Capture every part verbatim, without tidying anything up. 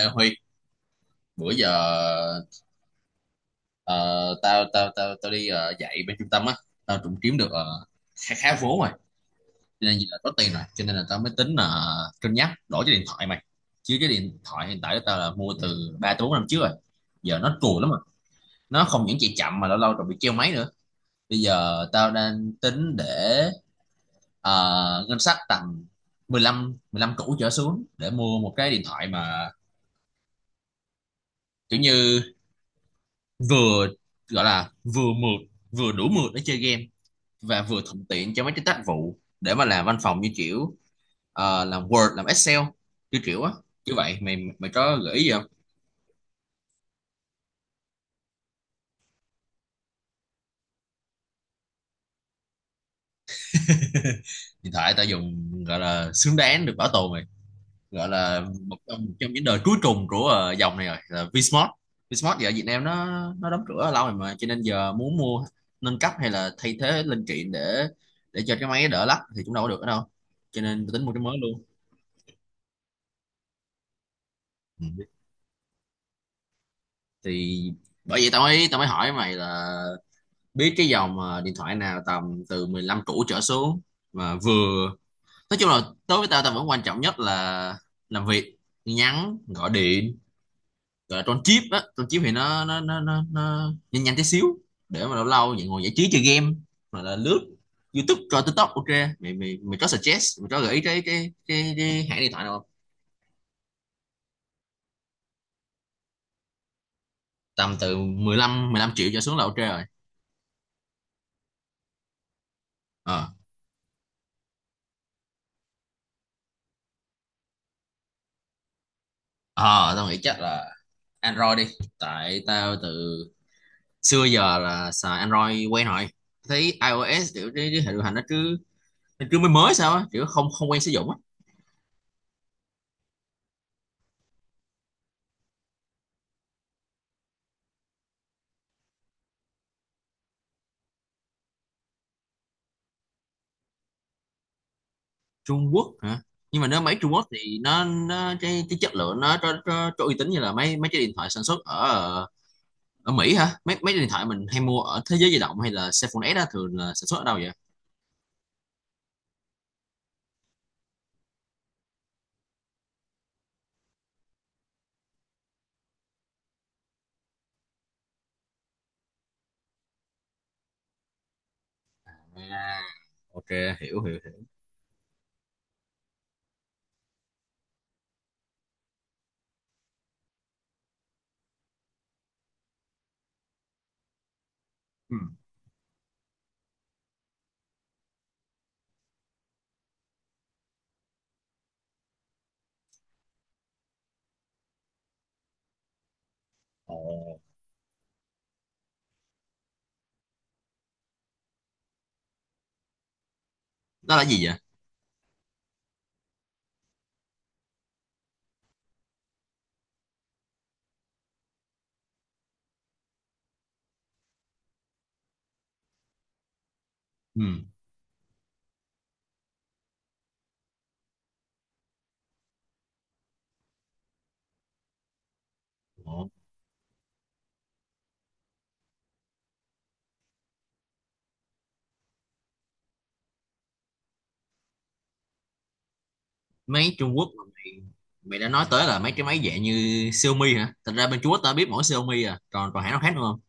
Ê Huy, bữa giờ ờ, tao tao tao tao đi ờ, dạy bên trung tâm á, tao cũng kiếm được ờ, khá khá vốn rồi, cho nên là có tiền rồi, cho nên là tao mới tính là cân nhắc đổi cái điện thoại mày. Chứ cái điện thoại hiện tại của tao là mua từ ba tới bốn năm trước rồi. Giờ nó cùi lắm rồi. Nó không những chạy chậm mà lâu lâu còn bị treo máy nữa. Bây giờ tao đang tính để ờ, ngân sách tầm mười lăm mười lăm củ trở xuống để mua một cái điện thoại mà kiểu như vừa, gọi là vừa mượt, vừa đủ mượt để chơi game và vừa thuận tiện cho mấy cái tác vụ để mà làm văn phòng, như kiểu ờ, làm Word, làm Excel, như kiểu á. Như vậy mày mày có gợi ý gì không? Hiện tại tao dùng gọi là xứng đáng được bảo tồn mày, gọi là một trong một trong những đời cuối cùng của ờ, dòng này rồi, là Vsmart. Vsmart giờ ở Việt Nam nó nó đóng cửa lâu rồi mà, cho nên giờ muốn mua nâng cấp hay là thay thế linh kiện để để cho cái máy đỡ lắc thì cũng đâu có được ở đâu, cho nên tôi tính mua cái mới luôn. Ừ. Thì bởi vậy tao mới tao mới hỏi mày là biết cái dòng ờ, điện thoại nào tầm từ mười lăm cũ trở xuống mà vừa, nói chung là đối với tao tao vẫn quan trọng nhất là làm việc, nhắn, gọi điện, gọi là con chip á, con chip thì nó nó nó nó, nó nhanh nhanh tí xíu để mà lâu lâu vậy ngồi giải trí chơi game hoặc là lướt YouTube, coi TikTok, ok. Mày mày mày có suggest, mày có gợi ý cái cái cái, cái hãng điện thoại nào không? Tầm từ 15 15 triệu trở xuống là ok rồi. Ờ ờ tao nghĩ chắc là Android đi, tại tao từ xưa giờ là xài Android quen rồi, thấy iOS kiểu cái, cái hệ điều hành nó cứ, nó cứ mới mới sao á, kiểu không không quen sử dụng á. Trung Quốc hả? Nhưng mà nếu máy Trung Quốc thì nó, nó cái, cái chất lượng nó có, có, có uy tín như là mấy mấy cái điện thoại sản xuất ở, ở Mỹ hả? Mấy mấy cái điện thoại mình hay mua ở Thế giới di động hay là Cellphone S đó thường là sản xuất ở đâu vậy? À, ok, hiểu hiểu hiểu Ừ. Ồ. Đó là gì vậy? Ừ. Ồ. Máy Trung Quốc mà mày, mày đã nói tới là mấy cái máy dạng như Xiaomi hả? Thật ra bên Trung Quốc tao biết mỗi Xiaomi à, còn còn hãng nào khác nữa không?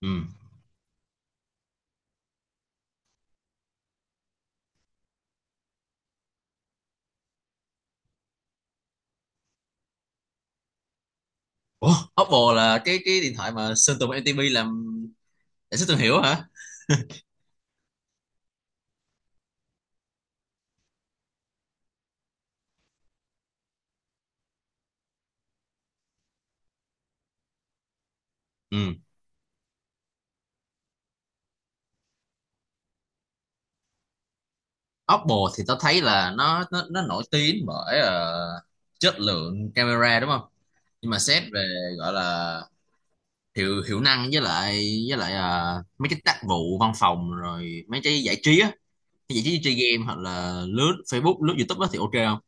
Ừ. Ủa, Oppo là cái cái điện thoại mà Sơn Tùng em tê pê làm để xuất thương hiệu hả? Ừ. Oppo thì tao thấy là nó, nó, nó nổi tiếng bởi ờ, chất lượng camera đúng không? Nhưng mà xét về, gọi là, hiệu hiệu năng, với lại, với lại ờ, mấy cái tác vụ văn phòng rồi mấy cái giải trí á, cái giải trí chơi game hoặc là lướt Facebook, lướt YouTube á thì ok không?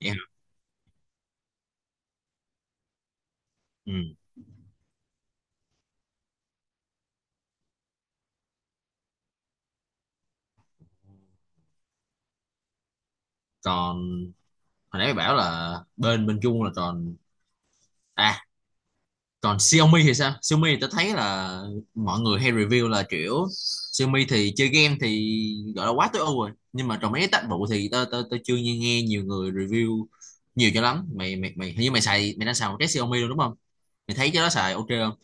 Vậy hả? Ừ. Còn hồi nãy mày bảo là bên, bên Trung là còn, à, còn Xiaomi thì sao? Xiaomi thì tao thấy là mọi người hay review là kiểu Xiaomi thì chơi game thì gọi là quá tối ưu rồi, nhưng mà trong mấy cái tác vụ thì tao tao tao chưa nghe, nghe nhiều người review nhiều cho lắm. Mày, mày mày hình như mày xài, mày đang xài một cái Xiaomi luôn đúng không? Mày thấy cái đó xài ok không?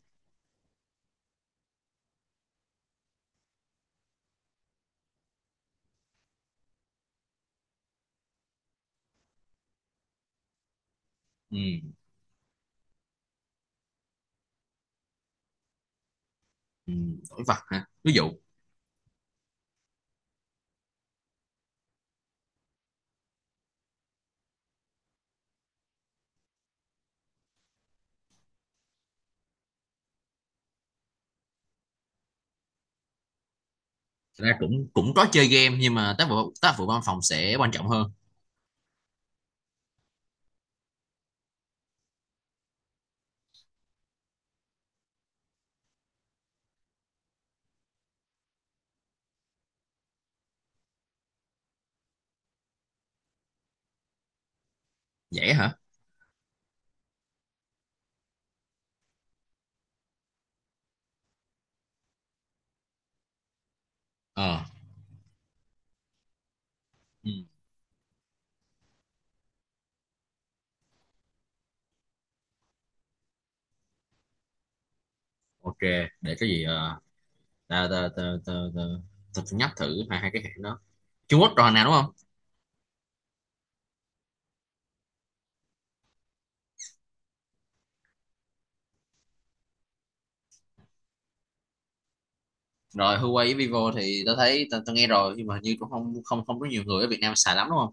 Ừ, ừ đổi vặt hả, ví dụ? Thật ra cũng cũng có chơi game nhưng mà tác vụ, tác vụ văn phòng sẽ quan trọng hơn. Dễ hả? Ờ. Ừ, ok. Để cái gì, ờ, tao tao tao tao tao tao phải nhấp thử hai hai cái hãng đó Trung Quốc rồi nào đúng không? Rồi Huawei với Vivo thì tao thấy tao, tao nghe rồi nhưng mà hình như cũng không không không có nhiều người ở Việt Nam xài lắm đúng không?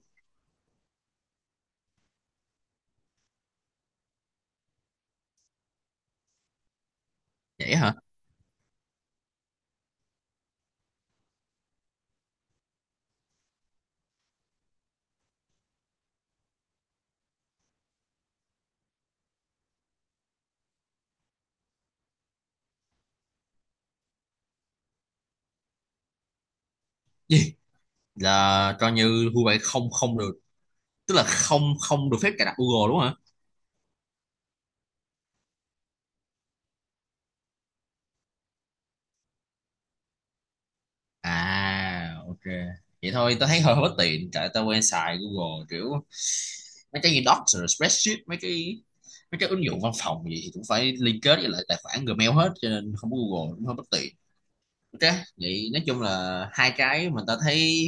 Vậy hả? Gì, là cho như Huawei không không được, tức là không không được phép cài đặt Google đúng không hả? À, ok, vậy thôi tao thấy hơi hơi bất tiện tại tao quen xài Google, kiểu mấy cái gì Docs rồi spreadsheet, mấy cái, mấy cái ứng dụng văn phòng gì thì cũng phải liên kết với lại tài khoản Gmail hết, cho nên không có Google cũng hơi bất tiện. Ok, vậy nói chung là hai cái mình ta thấy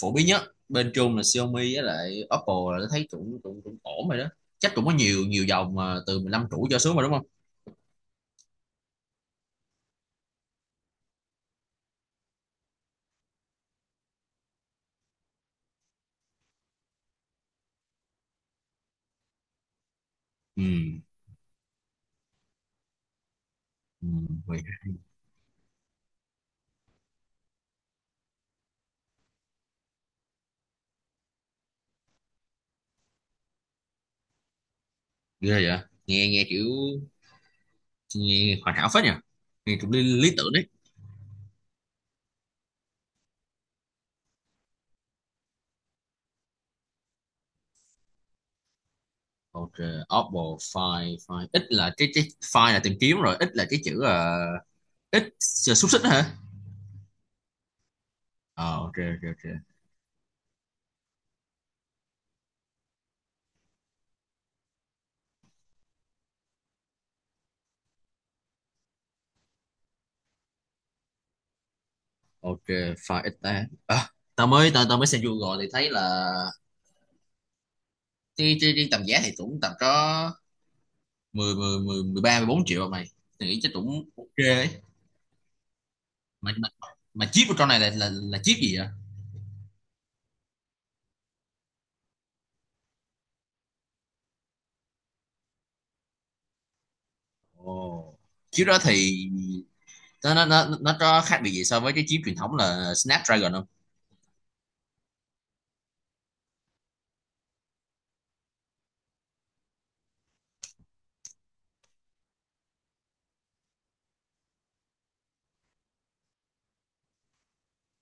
phổ biến nhất bên Trung là Xiaomi với lại Oppo là ta thấy cũng cũng cũng ổn rồi đó, chắc cũng có nhiều, nhiều dòng mà từ mười lăm củ cho xuống mà đúng không? Ừ. Ừ. Mười hai. Ghê vậy, nghe, nghe kiểu, nghe hoàn hảo phết nhỉ, nghe cũng lý, lý tưởng đấy. Ok. Oppo Find, Find ít, là cái cái Find là tìm kiếm rồi, ít là cái chữ là ít, là xúc xích đó hả? Ờ, ok ok ok. Ok, Find ít ta, à, tao mới tao tao mới xem Google thì thấy là tuy, tuy riêng tầm giá thì cũng tầm có 10, 10, 10, mười ba, mười bốn triệu mà mày. Tôi nghĩ chắc Tũng ok ấy. Mà, mà, mà chip của con này là, là, là chip gì vậy? Ồ. Chip đó thì nó, nó, nó, nó có khác biệt gì so với cái chip truyền thống là Snapdragon không?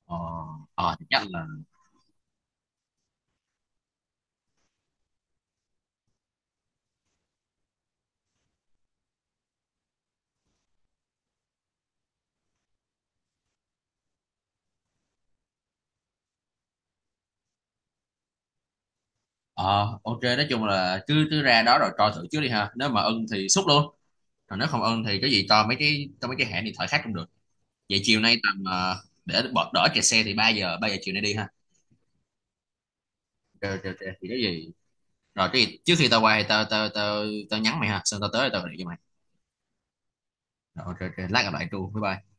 Ờ. Ờ thì chắc là, ờ ok, nói chung là cứ, cứ ra đó rồi coi thử trước đi ha. Nếu mà ưng thì xúc luôn, còn nếu không ưng thì cái gì, to mấy cái, to mấy cái hãng điện thoại khác cũng được. Vậy chiều nay tầm ờ, để bỏ đỡ kẹt xe thì ba giờ, ba giờ chiều nay đi ha. Ok ok ok thì cái gì, rồi cái gì trước khi tao qua thì tao tao tao tao nhắn mày ha, xong tao tới tao gọi cho mày. Rồi, ok ok, lát gặp lại tru, bye bye.